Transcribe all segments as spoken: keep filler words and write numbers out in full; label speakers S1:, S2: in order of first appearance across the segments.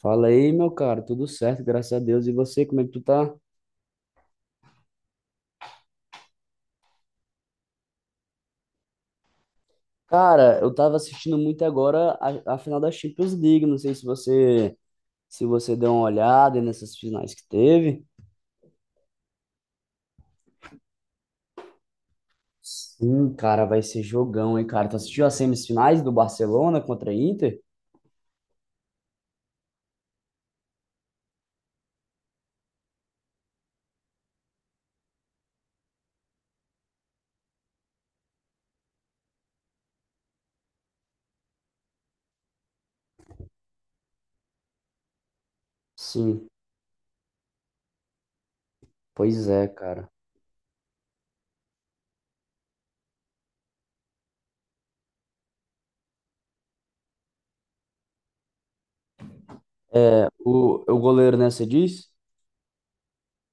S1: Fala aí, meu cara, tudo certo, graças a Deus. E você, como é que tu tá? Cara, eu tava assistindo muito agora a, a final da Champions League. Não sei se você se você deu uma olhada nessas finais que teve. Sim, cara, vai ser jogão, hein, cara. Tu assistiu as semifinais do Barcelona contra a Inter? Sim, pois é, cara. É, o, o goleiro, né, você diz?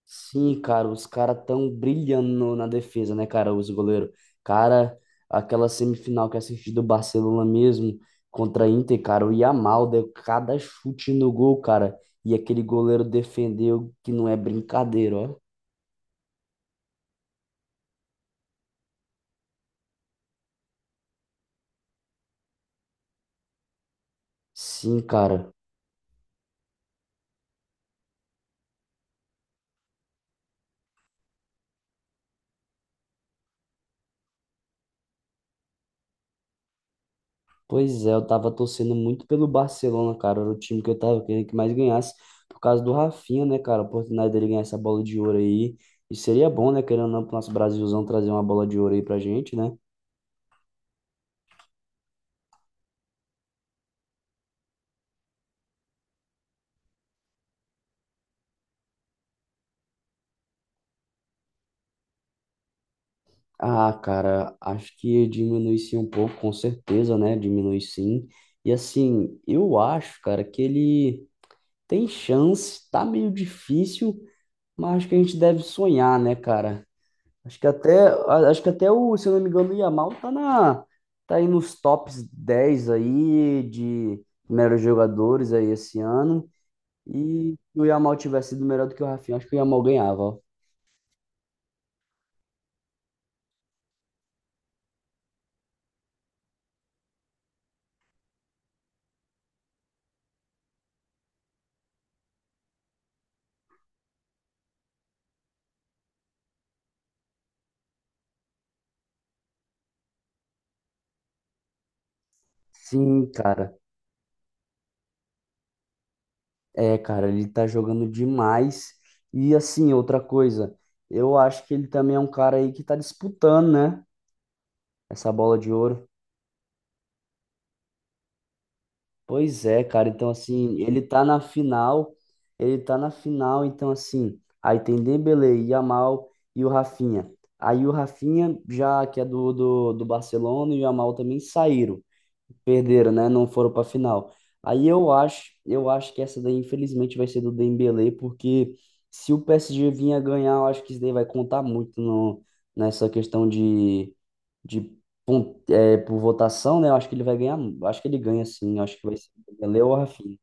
S1: Sim, cara, os caras tão brilhando no- na defesa, né, cara? Os goleiros. Cara, aquela semifinal que assisti do Barcelona mesmo contra a Inter, cara, o Yamal deu cada chute no gol, cara. E aquele goleiro defendeu que não é brincadeira, ó. Sim, cara. Pois é, eu tava torcendo muito pelo Barcelona, cara. Era o time que eu tava querendo que mais ganhasse por causa do Rafinha, né, cara? A oportunidade dele ganhar essa bola de ouro aí. E seria bom, né, querendo ou não, pro nosso Brasilzão trazer uma bola de ouro aí pra gente, né? Ah, cara, acho que diminui sim um pouco, com certeza, né? Diminui sim. E assim, eu acho, cara, que ele tem chance, tá meio difícil, mas acho que a gente deve sonhar, né, cara? Acho que até, a- acho que até o, se eu não me engano, o Yamal tá na, tá aí nos tops dez aí de melhores jogadores aí esse ano. E se o Yamal tivesse sido melhor do que o Rafinha, acho que o Yamal ganhava, ó. Sim, cara. É, cara, ele tá jogando demais. E assim, outra coisa, eu acho que ele também é um cara aí que tá disputando, né? Essa bola de ouro. Pois é, cara. Então, assim, ele tá na final. Ele tá na final, então, assim, aí tem Dembélé, Yamal e o Rafinha. Aí o Rafinha, já que é do, do, do Barcelona, e o Yamal também saíram. Perderam, né? Não foram para final. Aí eu acho, eu acho que essa daí infelizmente vai ser do Dembélé, porque se o P S G vir a ganhar, eu acho que isso daí vai contar muito no, nessa questão de, de pon- é, por votação, né? Eu acho que ele vai ganhar, eu acho que ele ganha sim, eu acho que vai ser o Dembélé ou o Rafinha.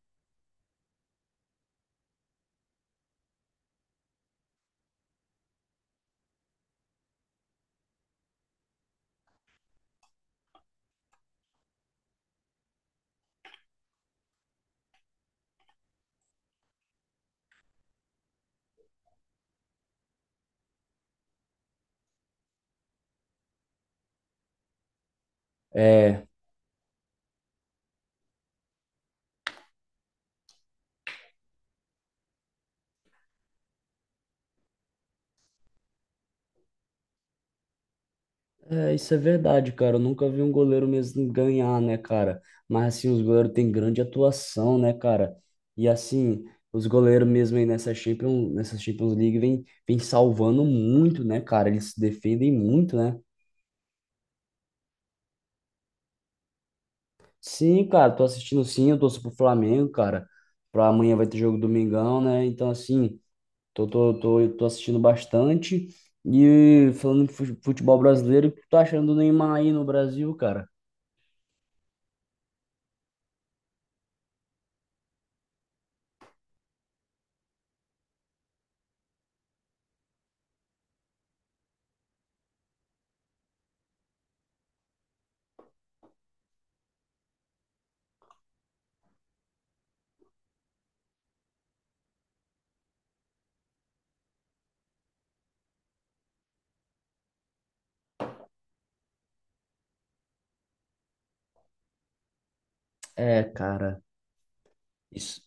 S1: É, é, isso é verdade, cara. Eu nunca vi um goleiro mesmo ganhar, né, cara? Mas assim, os goleiros têm grande atuação, né, cara? E assim, os goleiros mesmo aí nessa Champions, nessa Champions League vem, vem salvando muito, né, cara? Eles se defendem muito, né? Sim, cara, tô assistindo sim, eu torço pro Flamengo, cara. Pra amanhã vai ter jogo Domingão, né? Então, assim, tô, tô, tô, tô assistindo bastante. E falando de fu- futebol brasileiro, o que tu tá achando do Neymar aí no Brasil, cara? É, cara. Isso.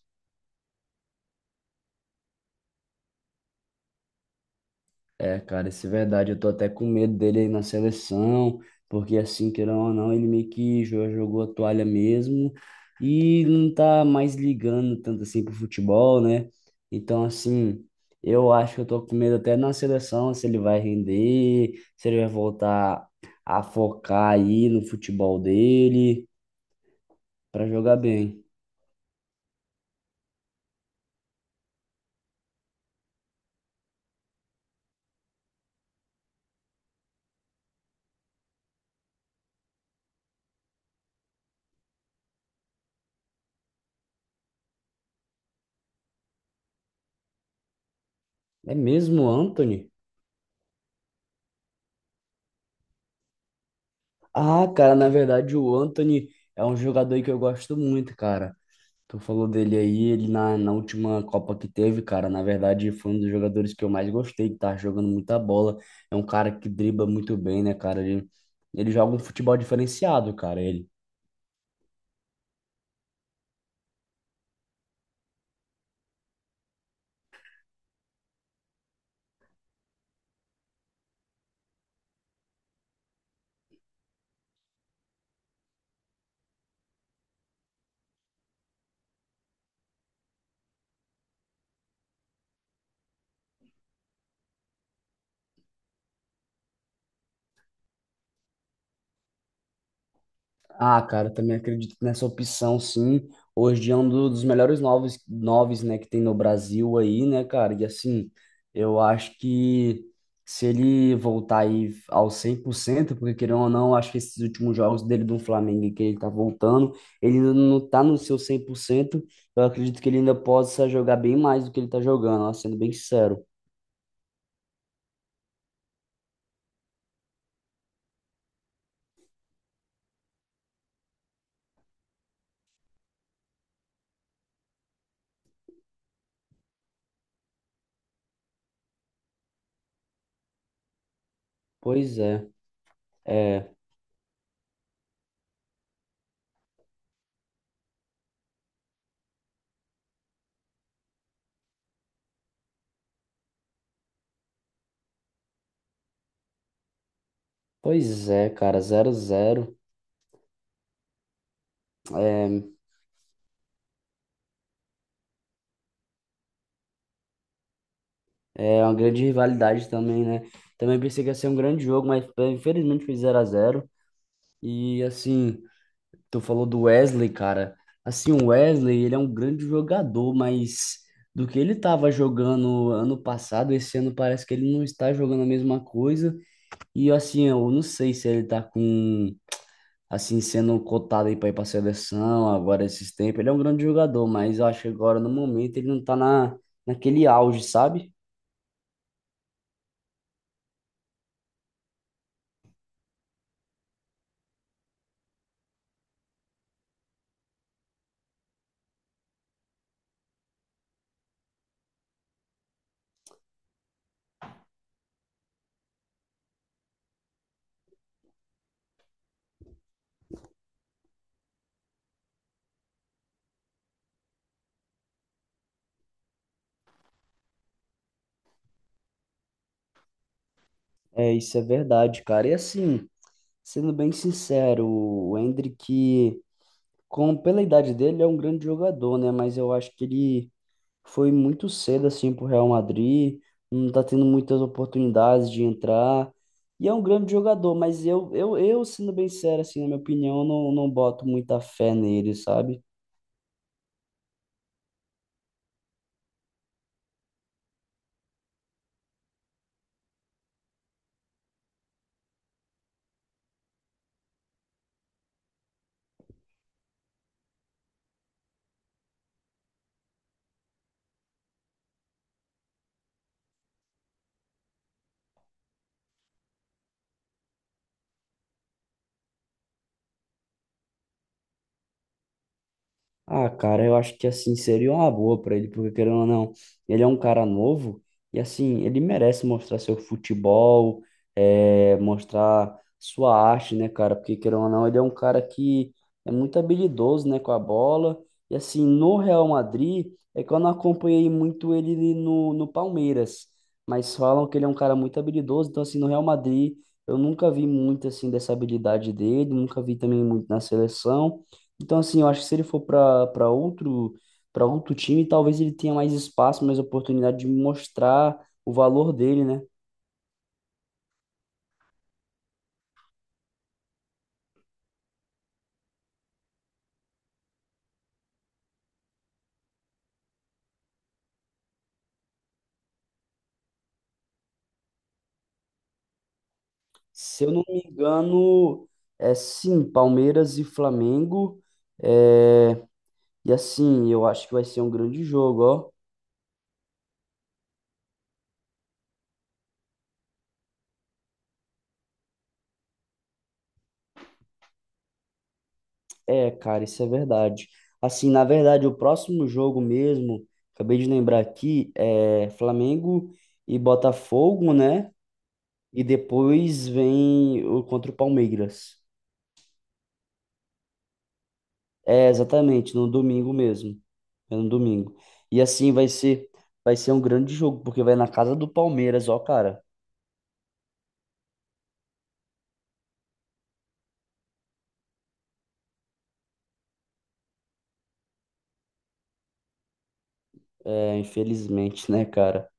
S1: É, cara, isso é verdade. Eu tô até com medo dele aí na seleção, porque assim, querendo ou não, ele meio que jo- jogou a toalha mesmo e não tá mais ligando tanto assim pro futebol, né? Então, assim, eu acho que eu tô com medo até na seleção, se ele vai render, se ele vai voltar a focar aí no futebol dele pra jogar bem. É mesmo o Anthony? Ah, cara, na verdade o Anthony é um jogador que eu gosto muito, cara. Tu falou dele aí, ele na, na última Copa que teve, cara, na verdade foi um dos jogadores que eu mais gostei, que tá jogando muita bola. É um cara que dribla muito bem, né, cara? Ele, ele joga um futebol diferenciado, cara. Ele. Ah, cara, também acredito nessa opção, sim. Hoje é um do- dos melhores noves, noves, né, que tem no Brasil aí, né, cara? E assim, eu acho que se ele voltar aí ao cem por cento, porque querendo ou não, acho que esses últimos jogos dele do Flamengo, que ele tá voltando, ele ainda não tá no seu cem por cento. Eu acredito que ele ainda possa jogar bem mais do que ele tá jogando, ó, sendo bem sincero. Pois é, é, pois é, cara, zero zero. É, é uma grande rivalidade também, né? Também pensei que ia ser um grande jogo, mas eh, infelizmente foi zero a zero. E assim, tu falou do Wesley, cara. Assim, o Wesley, ele é um grande jogador, mas do que ele tava jogando ano passado, esse ano parece que ele não está jogando a mesma coisa. E assim, eu não sei se ele tá com, assim, sendo cotado aí pra ir pra seleção agora esses tempos. Ele é um grande jogador, mas eu acho que agora no momento ele não tá na, naquele auge, sabe? É, isso é verdade, cara. E assim, sendo bem sincero, o Hendrick, com, pela idade dele, é um grande jogador, né? Mas eu acho que ele foi muito cedo, assim, pro Real Madrid, não tá tendo muitas oportunidades de entrar. E é um grande jogador, mas eu, eu, eu sendo bem sincero, assim, na minha opinião, eu não, não boto muita fé nele, sabe? Ah, cara, eu acho que assim seria uma boa pra ele, porque querendo ou não, ele é um cara novo e assim ele merece mostrar seu futebol, é, mostrar sua arte, né, cara? Porque querendo ou não, ele é um cara que é muito habilidoso, né, com a bola. E assim no Real Madrid é que eu não acompanhei muito ele no, no Palmeiras, mas falam que ele é um cara muito habilidoso. Então assim no Real Madrid eu nunca vi muito assim dessa habilidade dele, nunca vi também muito na seleção. Então, assim, eu acho que se ele for para para outro para outro time, talvez ele tenha mais espaço, mais oportunidade de mostrar o valor dele, né? Se eu não me engano, é sim, Palmeiras e Flamengo. É, e assim, eu acho que vai ser um grande jogo, ó. É, cara, isso é verdade. Assim, na verdade, o próximo jogo mesmo, acabei de lembrar aqui, é Flamengo e Botafogo, né? E depois vem o contra o Palmeiras. É, exatamente, no domingo mesmo. É no domingo. E assim vai ser, vai ser um grande jogo, porque vai na casa do Palmeiras, ó, cara. É, infelizmente, né, cara?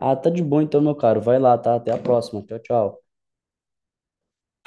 S1: Ah, tá de bom então, meu caro. Vai lá, tá? Até a próxima. Tchau, tchau.